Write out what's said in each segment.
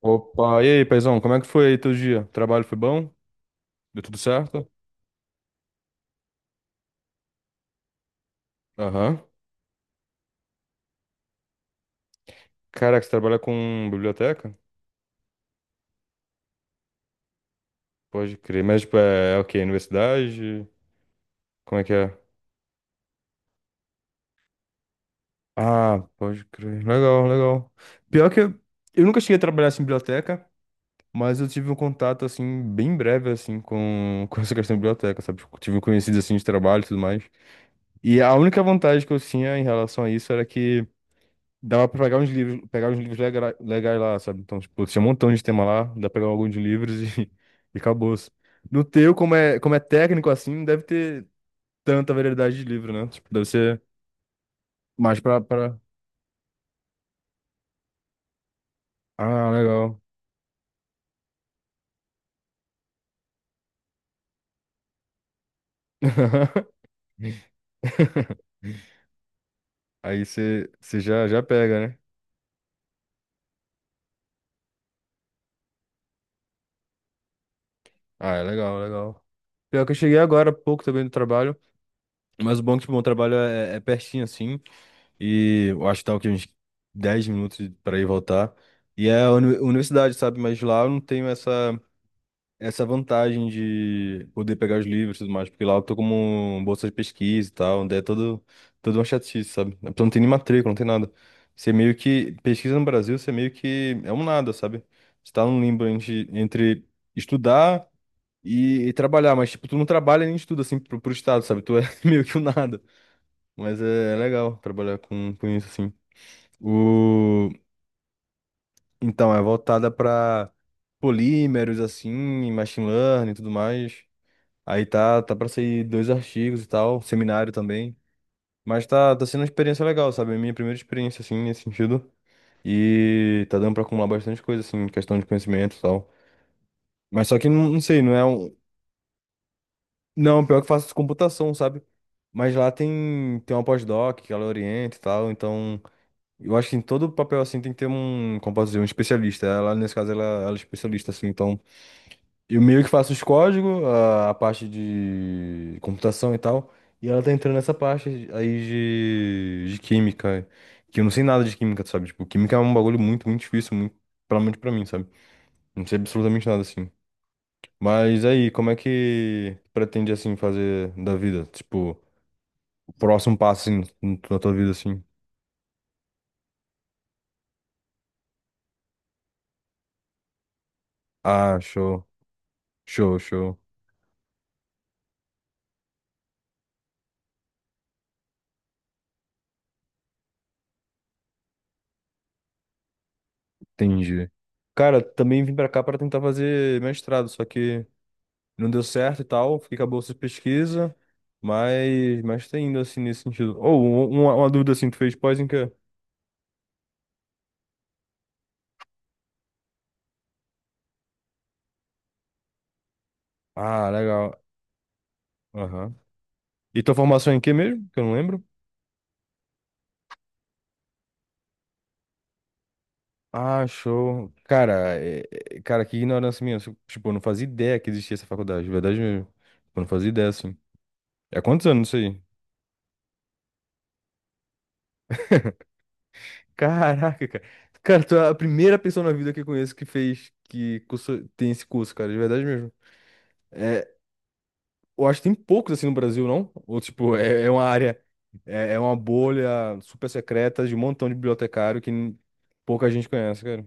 Opa, e aí, paizão, como é que foi aí teu dia? Trabalho foi bom? Deu tudo certo? Aham. Caraca, você trabalha com biblioteca? Pode crer, mas tipo, é o quê? Universidade? Como é que é? Ah, pode crer. Legal, legal. Pior que eu nunca cheguei a trabalhar assim, em biblioteca, mas eu tive um contato, assim, bem breve, assim, com, com essa questão de biblioteca, sabe? Tipo, tive conhecidos, assim, de trabalho e tudo mais. E a única vantagem que eu tinha em relação a isso era que dava pra pegar uns livros legais lá, sabe? Então, tipo, tinha um montão de tema lá, dá pra pegar alguns livros e, e acabou, assim. No teu, como é técnico assim, não deve ter tanta variedade de livro, né? Tipo, deve ser mais pra... Ah, legal. Aí você já, já pega, né? Ah, é legal, legal. Pior que eu cheguei agora há pouco também do trabalho, mas o bom é que, tipo, o meu trabalho é pertinho, assim. E eu acho que tá o quê? Uns 10 minutos para ir e voltar. E é a universidade, sabe? Mas lá eu não tenho essa, essa vantagem de poder pegar os livros e tudo mais, porque lá eu tô como um bolsa de pesquisa e tal, onde é todo uma chatice, sabe? A pessoa não tem nem matrícula, não tem nada. Você é meio que pesquisa no Brasil, você é meio que é um nada, sabe? Você tá num limbo entre estudar e trabalhar, mas tipo, tu não trabalha nem estuda assim pro estado, sabe? Tu é meio que um nada. Mas é legal trabalhar com isso, assim. O... Então, é voltada para polímeros, assim, machine learning e tudo mais. Aí tá para sair dois artigos e tal, seminário também. Mas tá sendo uma experiência legal, sabe? A minha primeira experiência, assim, nesse sentido. E tá dando pra acumular bastante coisa, assim, em questão de conhecimento e tal. Mas só que, não sei, não é um... Não, pior que eu faço computação, sabe? Mas lá tem, tem uma pós-doc que ela orienta e tal, então... Eu acho que em todo papel assim tem que ter um, como posso dizer, um especialista. Ela, nesse caso, ela é especialista, assim. Então, eu meio que faço os códigos, a parte de computação e tal. E ela tá entrando nessa parte aí de química. Que eu não sei nada de química, sabe? Tipo, química é um bagulho muito, muito difícil, muito, pelo menos pra mim, sabe? Não sei absolutamente nada, assim. Mas aí, como é que pretende, assim, fazer da vida? Tipo, o próximo passo, assim, na tua vida, assim. Ah, show, show, show. Entendi. Cara, também vim pra cá pra tentar fazer mestrado, só que não deu certo e tal, fiquei com a bolsa de pesquisa, mas tá indo assim nesse sentido. Ou um, uma dúvida assim, tu fez pós em quê? Ah, legal. Aham. E tua formação é em quê mesmo? Que eu não lembro. Ah, show. Cara, cara, que ignorância minha. Tipo, eu não fazia ideia que existia essa faculdade, de verdade mesmo. Eu não fazia ideia, assim. É há quantos anos isso aí? Caraca, cara. Cara, tu é a primeira pessoa na vida que eu conheço que fez, tem esse curso, cara, de verdade mesmo. Eu acho que tem poucos assim no Brasil, não? Ou, tipo, é uma área, é uma bolha super secreta de um montão de bibliotecário pouca gente conhece, cara.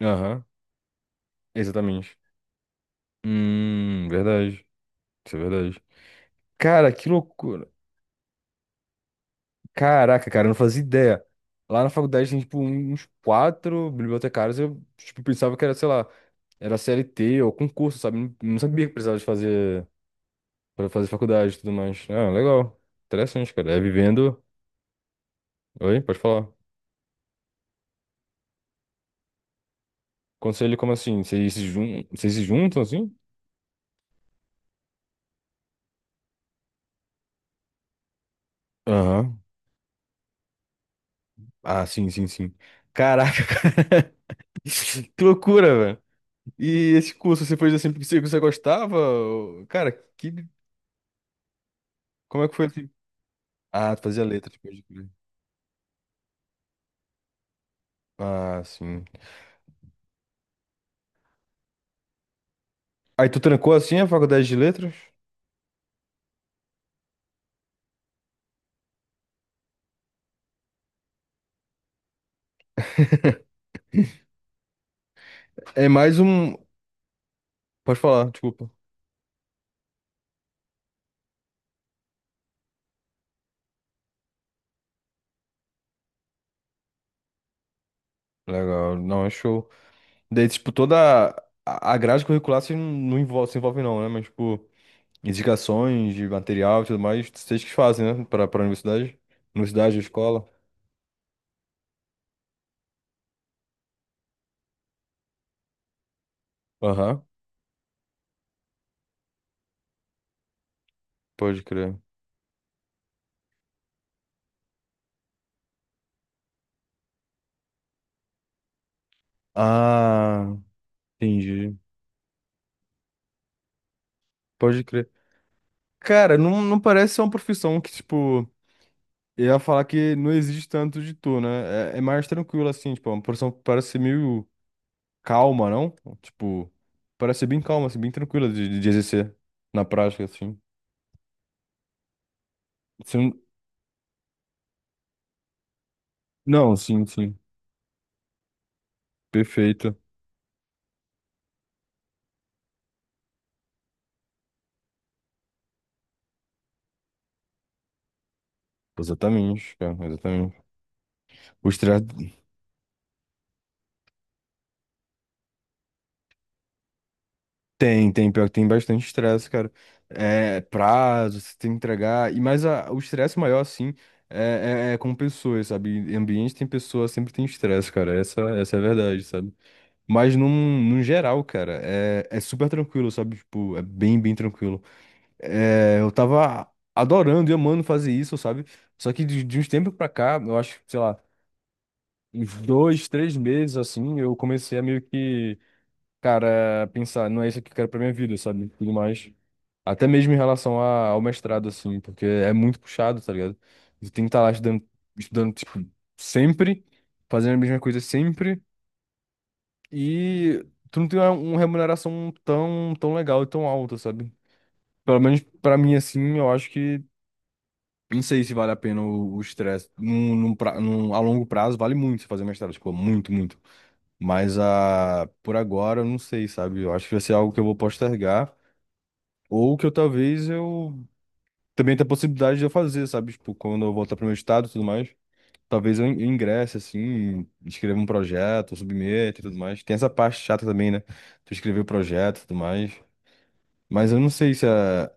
Aham, exatamente. Verdade. Isso é verdade. Cara, que loucura. Caraca, cara, eu não fazia ideia. Lá na faculdade tem, tipo, um, uns quatro bibliotecários. Eu, tipo, pensava que era, sei lá, era CLT ou concurso, sabe? Não sabia que precisava de fazer para fazer faculdade e tudo mais. Ah, legal. Interessante, cara. É vivendo. Oi, pode falar. Conselho como assim? Vocês se jun... Vocês se juntam assim? Aham. Ah, sim, sim, sim. Caraca, que loucura, velho. E esse curso, você fez assim porque você gostava? Cara, que... como é que foi assim? Ah, tu fazia letra. Tipo... Ah, sim. Aí tu trancou assim a faculdade de letras? É mais um. Pode falar, desculpa. Legal, não, é show. Daí, tipo, toda a grade curricular se não envolve, se envolve não, né? Mas, tipo, indicações de material e tudo mais, vocês que fazem, né? Pra universidade? Universidade, escola? Aham, pode crer. Ah, entendi. Pode crer. Cara, não, não parece ser uma profissão que, tipo, eu ia falar que não existe tanto de tu, né? É mais tranquilo, assim, tipo, é uma profissão que parece ser meio calma, não? Tipo, parece ser bem calma, assim, bem tranquila de exercer na prática, assim. Você não, não, sim, sim. Perfeito. Exatamente, cara, exatamente. O estresse tem, tem, pior que tem bastante estresse, cara. É prazo, você tem que entregar. E mais a, o estresse maior, assim, é com pessoas, sabe? Em ambiente tem pessoas, sempre tem estresse, cara. Essa é a verdade, sabe? Mas num, num geral, cara, é super tranquilo, sabe? Tipo, é bem, bem tranquilo. É, eu tava adorando e amando fazer isso, sabe? Só que de uns tempos pra cá, eu acho, sei lá, uns 2, 3 meses assim, eu comecei a meio que, cara, pensar, não é isso que eu quero pra minha vida, sabe? Tudo mais. Até mesmo em relação a- ao mestrado, assim, porque é muito puxado, tá ligado? Você tem que estar lá estudando, estudando, tipo, sempre, fazendo a mesma coisa sempre, e tu não tem uma remuneração tão, tão legal e tão alta, sabe? Pelo menos pra mim, assim, eu acho que. Não sei se vale a pena o estresse. Num, num, pra- num- a longo prazo, vale muito você fazer mestrado, tipo, muito, muito. Mas a, por agora, eu não sei, sabe? Eu acho que vai ser algo que eu vou postergar. Ou que eu talvez eu. Também tenha a possibilidade de eu fazer, sabe? Tipo, quando eu voltar pro meu estado e tudo mais. Talvez eu ingresse, assim, escreva um projeto, submeta e tudo mais. Tem essa parte chata também, né? Tu escrever o projeto e tudo mais. Mas eu não sei se é,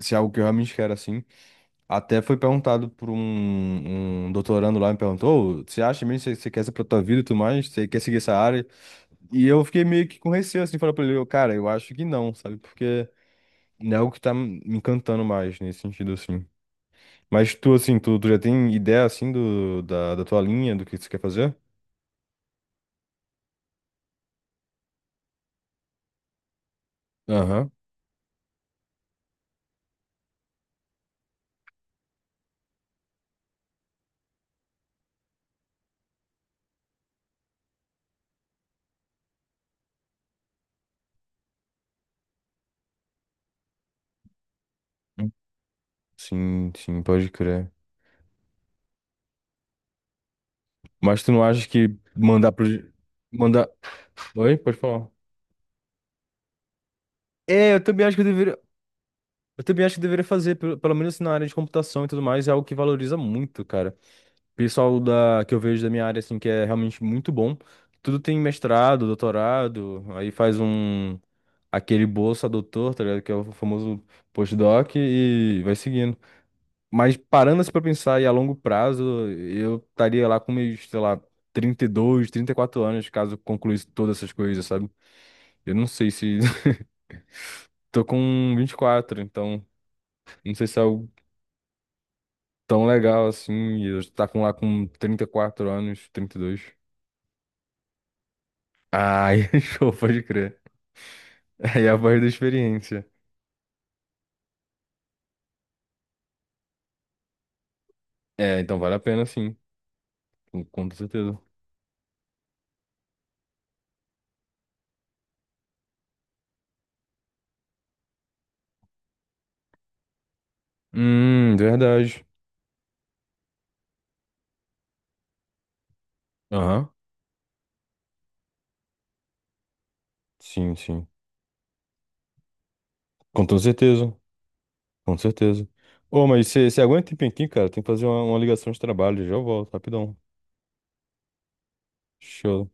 se é algo que eu realmente quero, assim. Até foi perguntado por um, um doutorando lá, me perguntou, "Ô, você acha mesmo que você quer essa pra tua vida e tudo mais? Você quer seguir essa área? E eu fiquei meio que com receio, assim, falar pra ele, "Eu, cara, eu acho que não, sabe? Porque não é algo que tá me encantando mais, nesse sentido, assim. Mas tu, assim, tu já tem ideia, assim, do, da tua linha, do que você quer fazer? Aham. Sim, sim, pode crer. Mas tu não acha que mandar pro... Mandar... Oi? Pode falar. É, eu também acho que eu deveria. Eu também acho que deveria fazer, pelo menos na área de computação e tudo mais, é algo que valoriza muito, cara. Pessoal da, que eu vejo da minha área, assim, que é realmente muito bom. Tudo tem mestrado, doutorado, aí faz um, aquele bolsa doutor, tá ligado? Que é o famoso postdoc e vai seguindo. Mas parando assim pra pensar e a longo prazo, eu estaria lá com meus, sei lá, 32, 34 anos, caso concluísse todas essas coisas, sabe? Eu não sei se... Tô com 24, então não sei se é algo tão legal assim, e eu tá com lá com 34 anos, 32. Ai, show, pode crer. Aí é a voz da experiência. É, então vale a pena sim, com toda certeza. Verdade. Aham. Sim, sim. Com toda certeza, com certeza. Ô, mas você aguenta um tempinho aqui, cara? Tem que fazer uma ligação de trabalho, já eu volto, rapidão. Show.